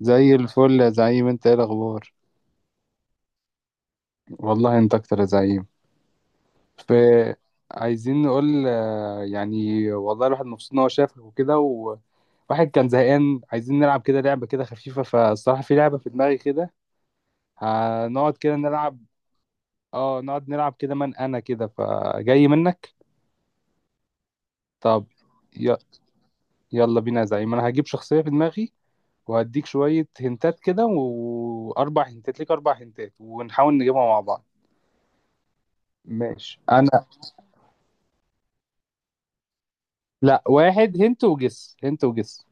زي الفل يا زعيم، انت ايه الاخبار؟ والله انت اكتر يا زعيم. ف عايزين نقول يعني والله الواحد مبسوط ان هو شافك وكده، وواحد كان زهقان، عايزين نلعب كده لعبه كده خفيفه. فالصراحه في لعبه في دماغي كده، هنقعد كده نلعب. اه نقعد نلعب كده من انا كده فجاي منك. طب ي... يلا بينا يا زعيم، انا هجيب شخصيه في دماغي وهديك شويه هنتات كده، واربع هنتات ليك، اربع هنتات، ونحاول نجيبها مع بعض. ماشي. انا لا، واحد هنت وجس، هنت وجس.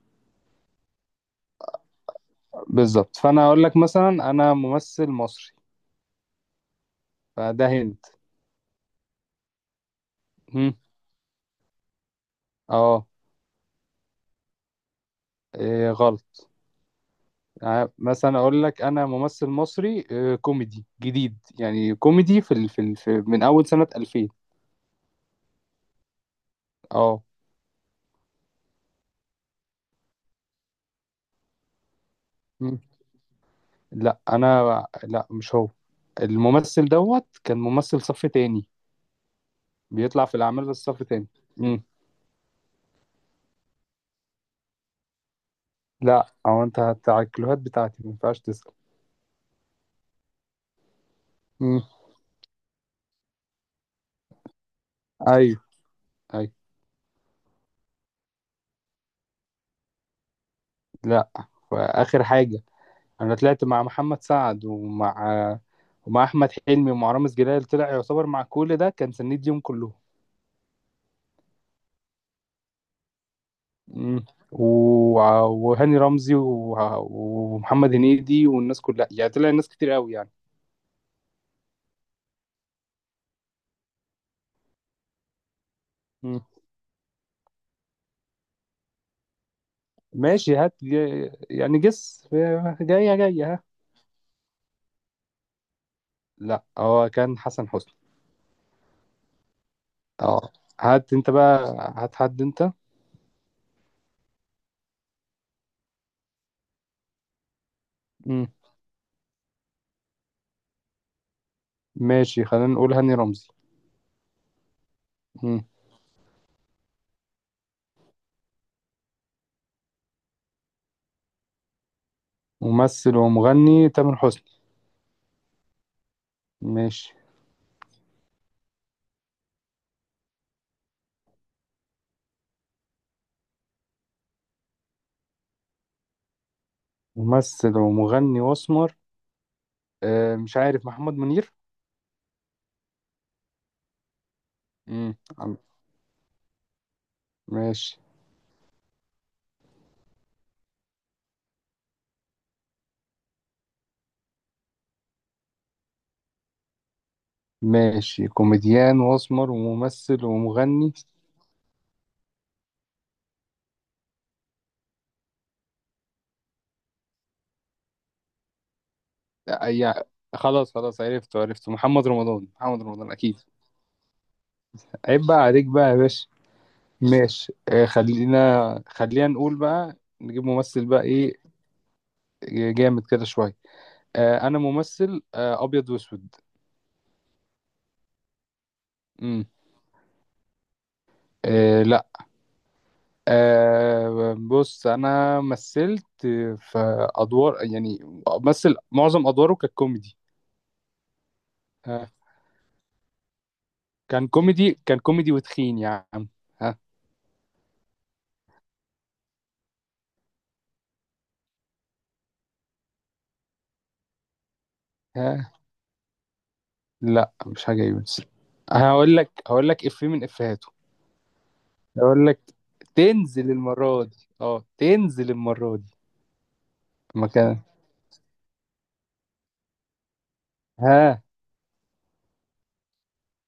بالظبط. فانا اقول لك مثلا انا ممثل مصري، فده هنت. هم. اه. إيه غلط. مثلا اقول لك انا ممثل مصري، كوميدي جديد، يعني كوميدي في من اول سنة 2000. اه. هم. لا انا لا، مش هو. الممثل دوت كان ممثل صف تاني، بيطلع في الاعمال بس صف تاني. هم. لا، او انت على الكلوهات بتاعتي ما ينفعش تسأل. هم. ايوه. ايوه. لا. واخر حاجة، انا طلعت مع محمد سعد، ومع ومع احمد حلمي، ومع رامز جلال، طلع يعتبر مع كل ده كان سنيد يوم كلهم. مم. و... وهاني رمزي ومحمد هنيدي والناس كلها، يعني طلع ناس كتير قوي يعني. مم. ماشي، هات يعني جس. جاية جاية. ها، لا هو كان حسن حسني. اه. هات انت بقى، هات حد انت. مم. ماشي، خلينا نقول هاني رمزي. مم. ممثل ومغني، تامر حسني. ماشي. ممثل ومغني واسمر، آه مش عارف، محمد منير. امم عم- ماشي. ماشي، كوميديان واسمر وممثل ومغني. آه، يع- خلاص خلاص، عرفته عرفته، محمد رمضان، محمد رمضان اكيد. عيب بقى عليك بقى يا باشا. ماشي، آه، خلينا خلينا نقول بقى، نجيب ممثل بقى ايه. جامد كده شويه، آه انا ممثل، آه ابيض واسود. امم، آه لا. آه بص انا مثلت في ادوار يعني، مثل معظم ادواره كانت كوميدي. ها، كان كوميدي، كان كوميدي وتخين يا عم. ها. ها، لا مش حاجة يونس. هقول لك هقول لك إفيه من إفيهاته. هقول لك، تنزل المرة دي، اه تنزل المرة دي مكان. ها،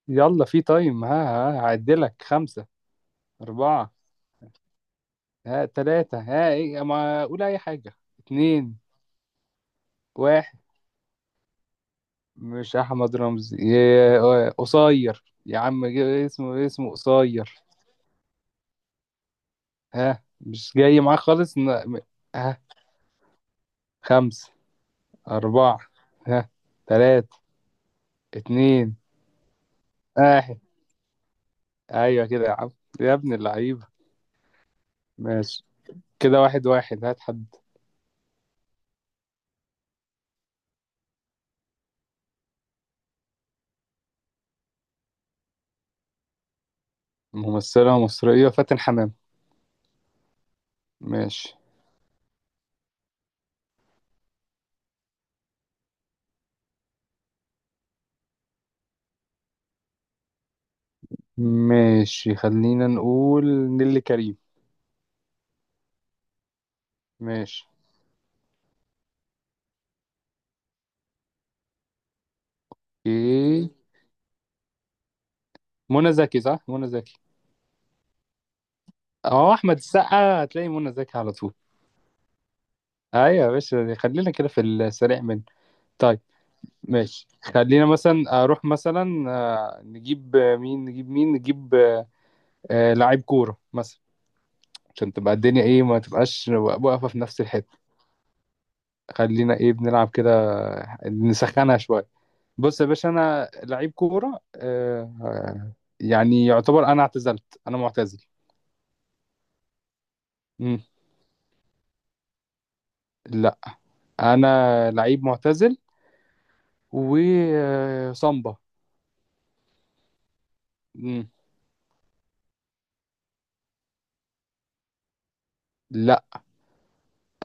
يلا في تايم. ها ها، هعدلك خمسة، أربعة. ها تلاتة. ها إيه، ما أقول أي حاجة. اتنين، واحد. مش أحمد رمزي قصير يا عم، اسمه اسمه قصير. ها مش جاي معاك خالص. خمسة، أربعة، ها، تلاتة، اتنين، واحد. أيوة كده يا عم، يا ابن اللعيبة. ماشي، كده واحد واحد. هات حد. ممثلة مصرية، فاتن حمام. ماشي. ماشي، خلينا نقول نيللي كريم. ماشي. ايه، منى زكي، صح، منى زكي. اه، أحمد السقا هتلاقي منى زكي على طول. أيوة يا باشا، خلينا كده في السريع منه. طيب، ماشي، خلينا مثلا أروح مثلا نجيب مين، نجيب مين، نجيب، آه لعيب كورة مثلا، عشان تبقى الدنيا ايه، ما تبقاش واقفة في نفس الحتة. خلينا ايه، بنلعب كده، نسخنها شوية. بص يا باشا، انا لعيب كورة، آه يعني يعتبر انا اعتزلت، انا معتزل. مم. لا، انا لعيب معتزل وصامبا. مم. لا،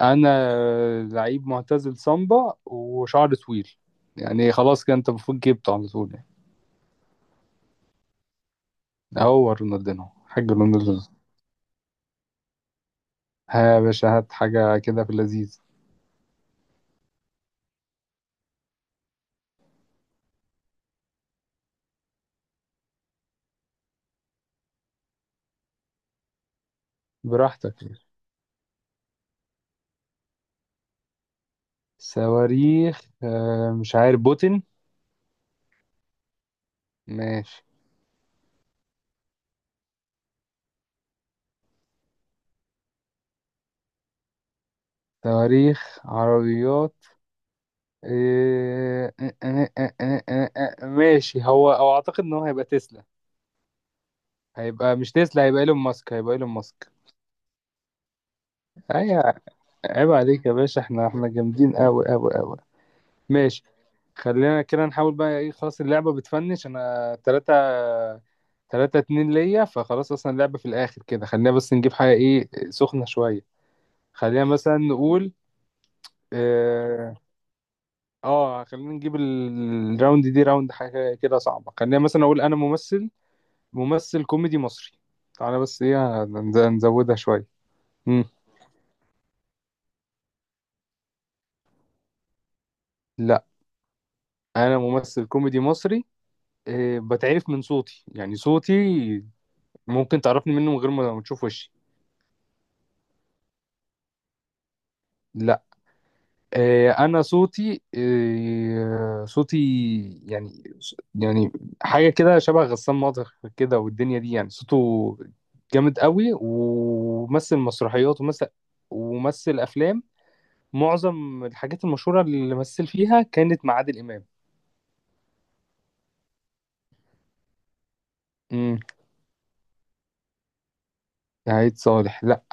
انا لعيب معتزل، صامبا وشعر طويل، يعني خلاص كده انت المفروض جبته على طول يعني. هو رونالدينو، حاج رونالدينو. ها يا باشا، هات حاجة كده في اللذيذ. براحتك. صواريخ، مش عارف، بوتن. ماشي. صواريخ، عربيات. إيه، آه، آه، آه، آه، آه، آه، آه، آه، ماشي، هو او اعتقد ان هو هيبقى تسلا، هيبقى مش تسلا، هيبقى ايلون ماسك، هيبقى ايلون ماسك. ايوه. عيب عليك يا باشا، احنا احنا جامدين قوي قوي قوي. ماشي، خلينا كده نحاول بقى ايه. خلاص اللعبة بتفنش، انا تلاتة، تلاتة اتنين ليا، فخلاص اصلا اللعبة في الاخر كده، خلينا بس نجيب حاجة ايه سخنة شوية. خلينا مثلا نقول، اه، خلينا نجيب الراوند دي راوند حاجة كده صعبة. خلينا مثلا اقول انا ممثل، ممثل كوميدي مصري، تعالى بس ايه نزودها شوية. مم. لا، انا ممثل كوميدي مصري، بتعرف من صوتي، يعني صوتي ممكن تعرفني منه من غير ما تشوف وشي. انا صوتي، صوتي يعني، يعني حاجه كده شبه غسان مطر كده، والدنيا دي يعني، صوته جامد قوي، ومثل مسرحيات، ومثل ومثل افلام، معظم الحاجات المشهوره اللي مثل فيها كانت مع عادل امام. امم. سعيد صالح لا.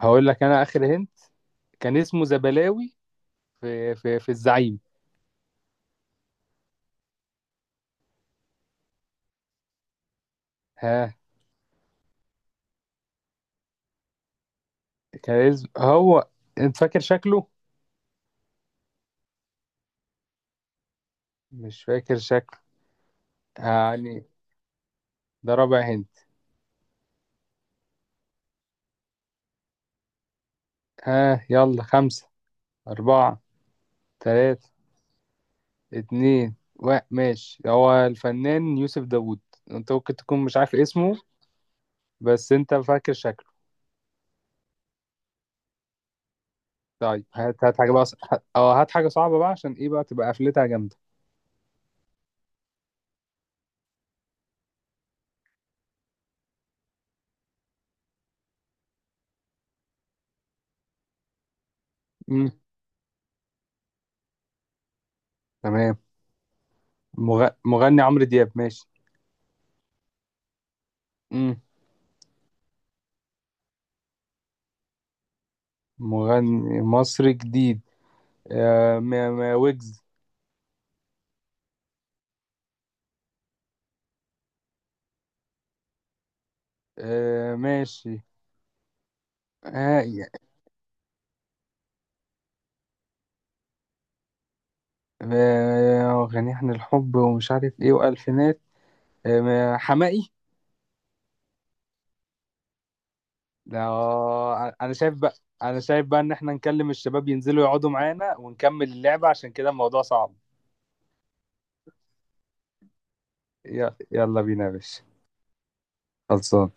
هقول لك انا اخر هنت، كان اسمه زبلاوي، في الزعيم. ها كان هو، انت فاكر شكله؟ مش فاكر شكله، يعني ده رابع هنت. ها يلا، خمسة، أربعة، تلاتة، اتنين، واحد. ماشي، هو الفنان يوسف داوود، أنت ممكن تكون مش عارف اسمه، بس أنت فاكر شكله. طيب، هات هات حاجة بقى، اه هات حاجة صعبة بقى عشان إيه بقى، تبقى قفلتها جامدة. مم. تمام. مغني عمرو دياب. ماشي. مم. مغني مصري جديد، آه ويجز. آه ماشي. آه... غني عن الحب ومش عارف إيه، وألفينات. حماقي. ده انا شايف بقى، انا شايف بقى ان احنا نكلم الشباب ينزلوا يقعدوا معانا ونكمل اللعبة، عشان كده الموضوع صعب. يلا بينا يا باشا، خلصان.